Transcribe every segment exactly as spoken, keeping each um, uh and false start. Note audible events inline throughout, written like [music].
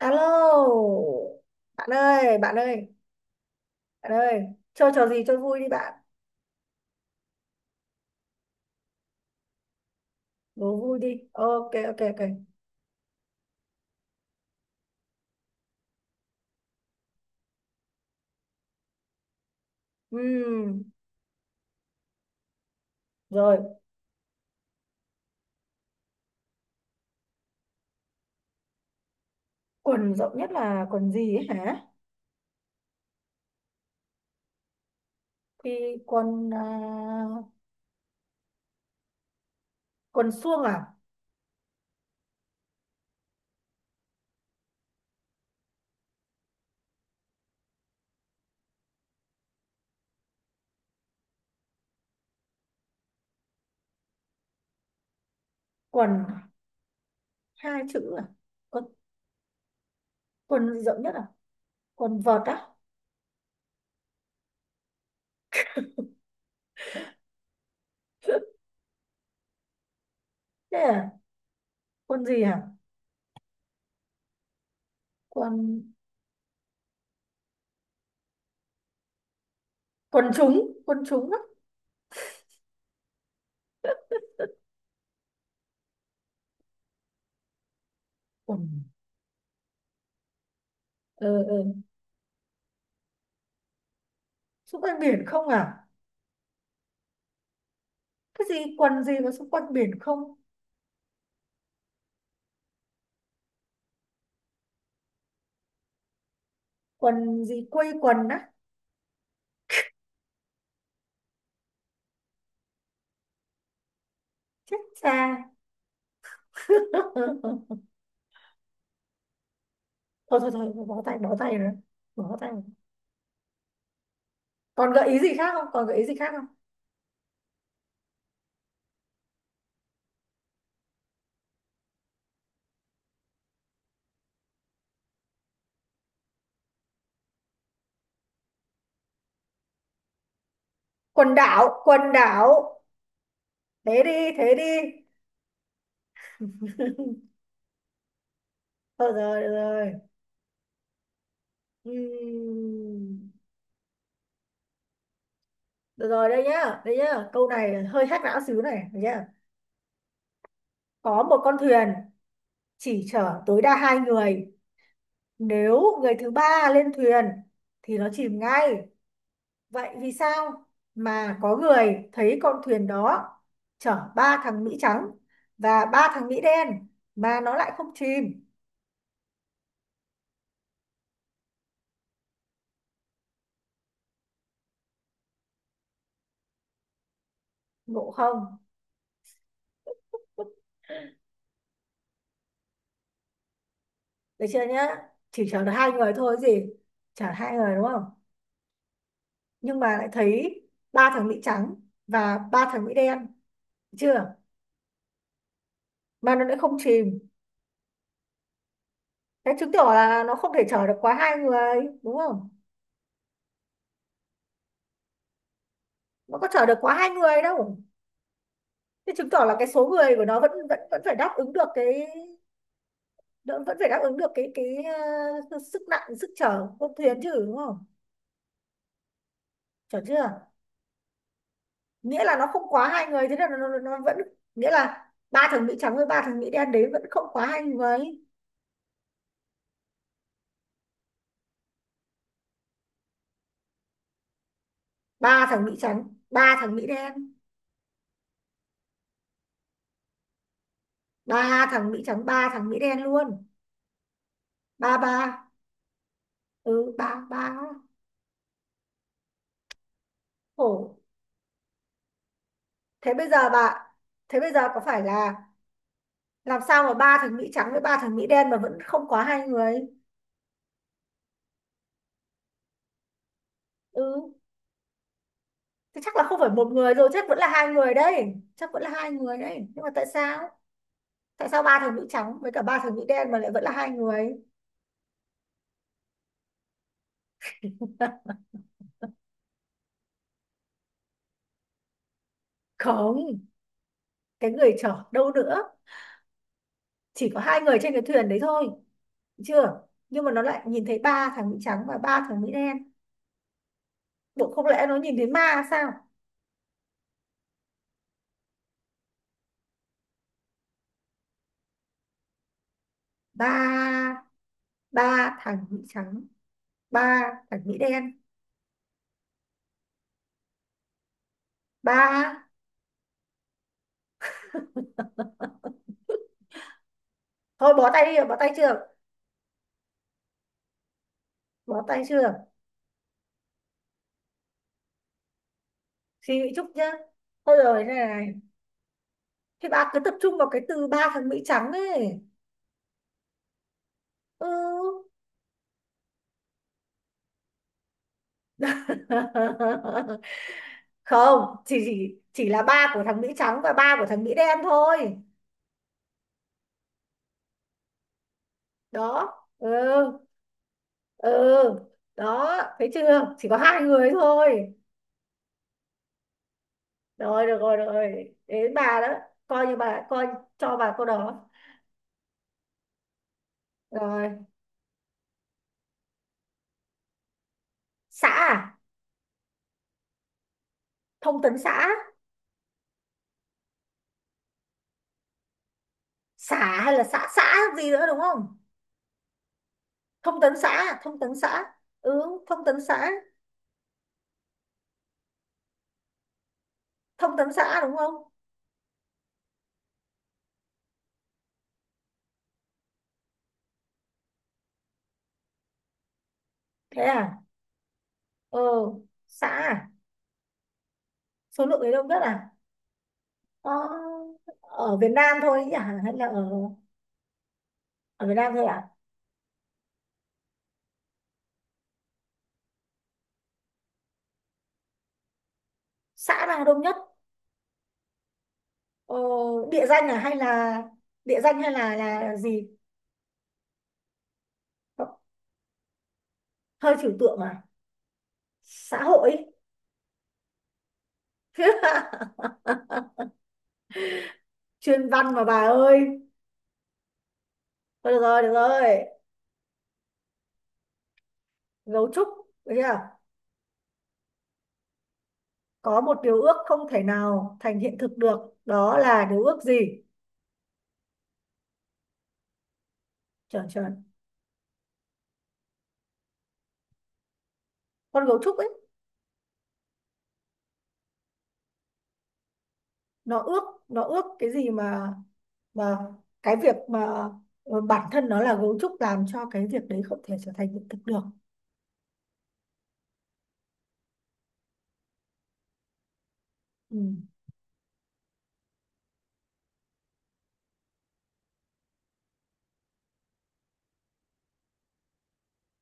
Alo, bạn ơi, bạn ơi, bạn ơi, chơi trò gì chơi vui đi bạn, đố vui đi. Ok, ok, ok. Ừm, rồi, quần rộng nhất là quần gì ấy hả? Thì quần à, quần suông à? Quần hai chữ à? Quần, quần rộng nhất à? Quần vợt á? [laughs] Thế à? Quần gì hả? Quần quần trúng quần trúng á? Quần ờ ờ, xung quanh biển không à? Cái gì quần gì mà xung quanh biển không? Quần gì quây quần á? Chết cha. [laughs] Thôi thôi thôi, bó tay bó tay rồi bó tay rồi. còn gợi ý gì khác không còn gợi ý gì khác không? Quần đảo, quần đảo! Thế đi, thế đi. Thôi rồi, được rồi. Ừm, được rồi. Đây nhá đây nhá, câu này hơi hack não xíu này, được nhá. Có một con thuyền chỉ chở tối đa hai người, nếu người thứ ba lên thuyền thì nó chìm ngay. Vậy vì sao mà có người thấy con thuyền đó chở ba thằng Mỹ trắng và ba thằng Mỹ đen mà nó lại không chìm? Ngộ không? Được chưa nhá? Chỉ chở được hai người thôi gì? Chở hai người đúng không? Nhưng mà lại thấy ba thằng Mỹ trắng và ba thằng Mỹ đen, được chưa? Mà nó lại không chìm. Thế chứng tỏ là nó không thể chở được quá hai người đúng không? Nó có chở được quá hai người đâu. Thế chứng tỏ là cái số người của nó vẫn vẫn vẫn phải đáp ứng được cái đỡ, vẫn phải đáp ứng được cái cái ờ, sức nặng, sức chở của thuyền chứ đúng không? Chở chưa? Nghĩa là nó không quá hai người, thế là nó, nó, nó vẫn, nghĩa là ba thằng Mỹ trắng với ba thằng Mỹ đen đấy vẫn không quá hai người. Ba thằng Mỹ trắng, ba thằng Mỹ đen. Ba thằng Mỹ trắng, ba thằng Mỹ đen luôn. Ba ba, ừ ba ba. Khổ. Thế bây giờ bà, thế bây giờ có phải là làm sao mà ba thằng Mỹ trắng với ba thằng Mỹ đen mà vẫn không quá hai người? Ừ. Thế chắc là không phải một người rồi, chắc vẫn là hai người đấy. Chắc vẫn là hai người đấy. Nhưng mà tại sao? Tại sao ba thằng nữ trắng với cả ba thằng nữ đen mà lại vẫn là hai người? [laughs] Không, cái người chở đâu nữa, chỉ có hai người trên cái thuyền đấy thôi, được chưa? Nhưng mà nó lại nhìn thấy ba thằng nữ trắng và ba thằng nữ đen. Bộ không lẽ nó nhìn thấy ma sao? Ba, ba thằng nữ trắng, ba thằng nữ đen, ba. Thôi bó tay đi, bó tay chưa? Bó tay chưa? Suy nghĩ chút nhá. Thôi rồi này này. Thì bà cứ tập trung vào cái từ ba thằng Mỹ trắng ấy. Ừ. [laughs] Không, chỉ, chỉ chỉ là ba của thằng Mỹ trắng và ba của thằng Mỹ đen thôi. Đó. Ừ, ừ. Đó, thấy chưa? Chỉ có hai người thôi. Rồi, được rồi, được rồi. Đến bà đó. Coi như bà, coi cho bà câu đó. Rồi. Xã à? Thông tấn xã. Xã hay là xã xã gì nữa đúng không? Thông tấn xã, thông tấn xã. Ừ, thông tấn xã. Thông tấn xã đúng không? Thế à? ờ xã à, số lượng người đông nhất à? ờ, ở Việt Nam thôi ấy nhỉ, hay là ở, ở Việt Nam thôi à? Xã nào đông nhất? ờ, địa danh à hay là địa danh hay là là gì? Hơi trừu tượng à? Xã hội. [laughs] Chuyên văn mà bà ơi. Thôi được rồi, được rồi. Gấu trúc, được chưa? Có một điều ước không thể nào thành hiện thực được, đó là điều ước gì? Chuẩn chuẩn, con gấu trúc ấy, nó ước, nó ước cái gì mà. Và cái việc mà ờ, bản thân nó là gấu trúc làm cho cái việc đấy không thể trở thành hiện thực được. Ừ.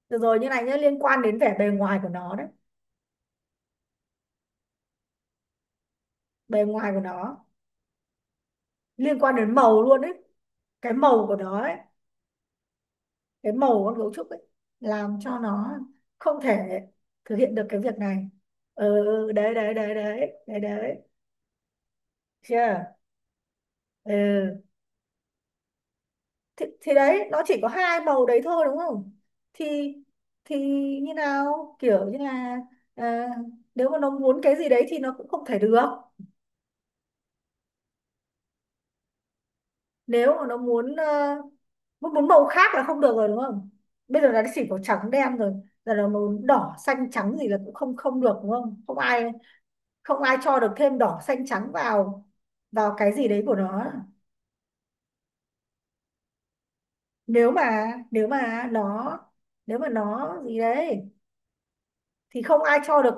Được rồi như này nhé, liên quan đến vẻ bề ngoài của nó đấy. Bề ngoài của nó liên quan đến màu luôn đấy. Cái màu của nó ấy, cái màu của con gấu trúc ấy làm cho nó không thể thực hiện được cái việc này. Ừ, ừ, ừ, đấy đấy đấy đấy, đấy đấy. Chưa? Ừ. thì, thì đấy, nó chỉ có hai màu đấy thôi đúng không? Thì, thì như nào, kiểu như là à, nếu mà nó muốn cái gì đấy thì nó cũng không thể được. Nếu mà nó muốn ờ, muốn muốn màu khác là không được rồi đúng không? Bây giờ là nó chỉ có trắng đen rồi, giờ nó muốn đỏ xanh trắng gì là cũng không, không được đúng không, không ai, không ai cho được thêm đỏ xanh trắng vào, vào cái gì đấy của nó. Nếu mà nếu mà nó nếu mà nó gì đấy thì không ai cho được.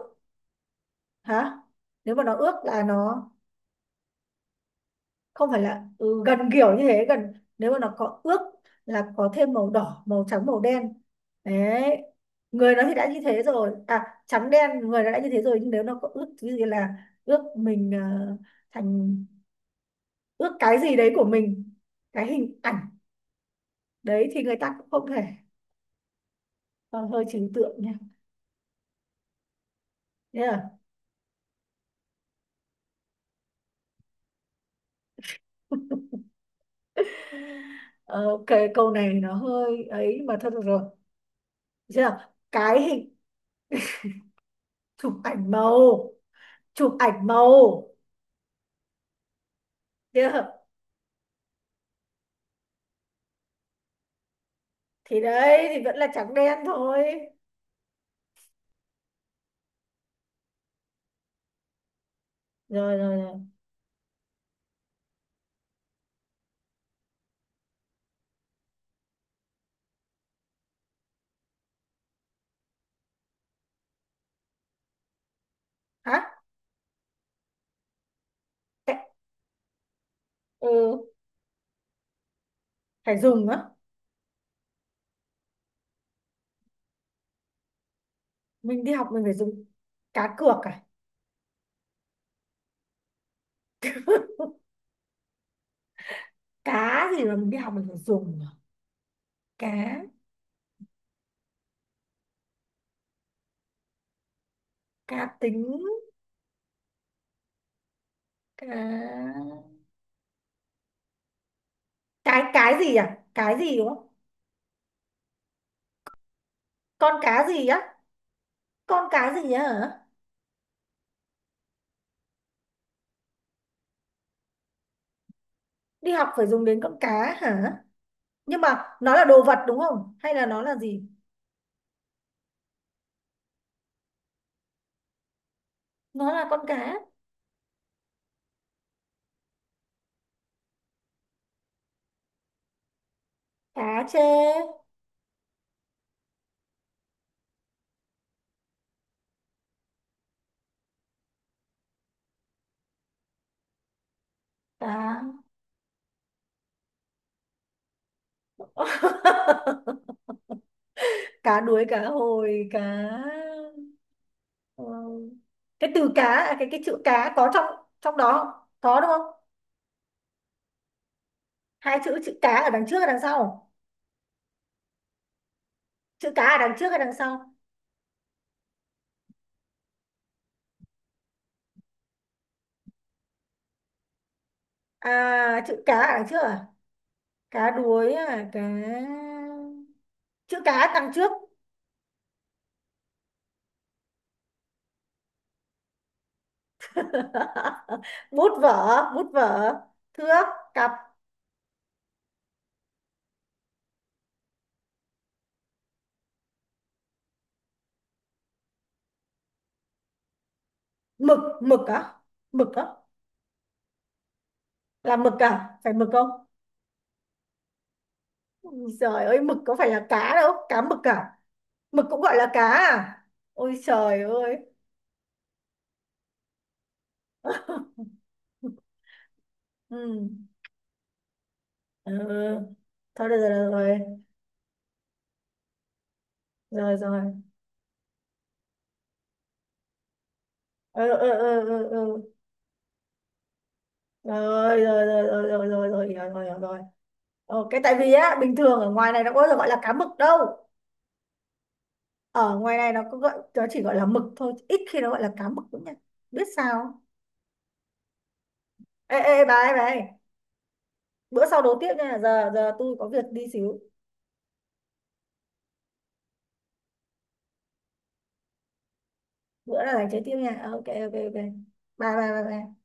Hả? Nếu mà nó ước là nó, không phải là ừ, gần kiểu như thế, gần, nếu mà nó có ước là có thêm màu đỏ màu trắng màu đen đấy. Người nó thì đã như thế rồi à, trắng đen, người nó đã như thế rồi, nhưng nếu nó có ước thứ gì, là ước mình ờ, thành, ước cái gì đấy của mình, cái hình ảnh đấy thì người ta cũng không thể. Ờ, hơi trừu tượng nha. Thế là ờ, ok, câu này nó hơi ấy mà thôi được rồi. Được chưa? Cái hình chụp ảnh màu, chụp ảnh màu. Được, thì đấy thì vẫn là trắng đen thôi. Rồi rồi rồi. Hả? Cái- ừ, phải dùng á. Mình đi học mình phải dùng cá cược à? Cá gì mà mình đi học mình phải dùng à? Cá, cá tính, cá, cái cái gì à, cái gì đúng không? Con cá gì á? Con cá gì á hả? Đi học phải dùng đến con cá hả? Nhưng mà nó là đồ vật đúng không hay là nó là gì? Nó là con cá. Cá chê, cá. [laughs] Cá đuối, cá hồi, cá. Ờ, cái từ cá à, cái cái chữ cá có trong, trong đó không? Có đúng không? Hai chữ, chữ cá ở đằng trước hay đằng sau? Chữ cá ở đằng trước hay đằng sau? À, chữ cá ở đằng trước à? Cá đuối à, cá, chữ cá đằng trước. [laughs] Bút vở, bút vở, thước, cặp, mực, mực á, mực á. Là mực à, phải mực không? Ui trời ơi, mực có phải là cá đâu, cá mực à? Mực cũng gọi là cá à? Ôi trời ơi. [laughs] Ừ. Ừ. Thôi được rồi, được rồi. Rồi rồi. Ờ ờ ờ ờ ờ. Ờ. Rồi rồi rồi rồi rồi rồi rồi, hiểu rồi, hiểu rồi. Ờ, cái tại vì á, bình thường ở ngoài này nó có bao giờ gọi là cá mực đâu. Ở ngoài này nó có gọi, nó chỉ gọi là mực thôi, ít khi nó gọi là cá mực lắm nha. Biết sao không? Ê ê bà ơi, bà ơi, bữa sau đấu tiếp nha, giờ giờ tôi có việc đi xíu. Bữa là dành chơi tiếp nha. Ờ, ok ok ok. Bye bye bye bye.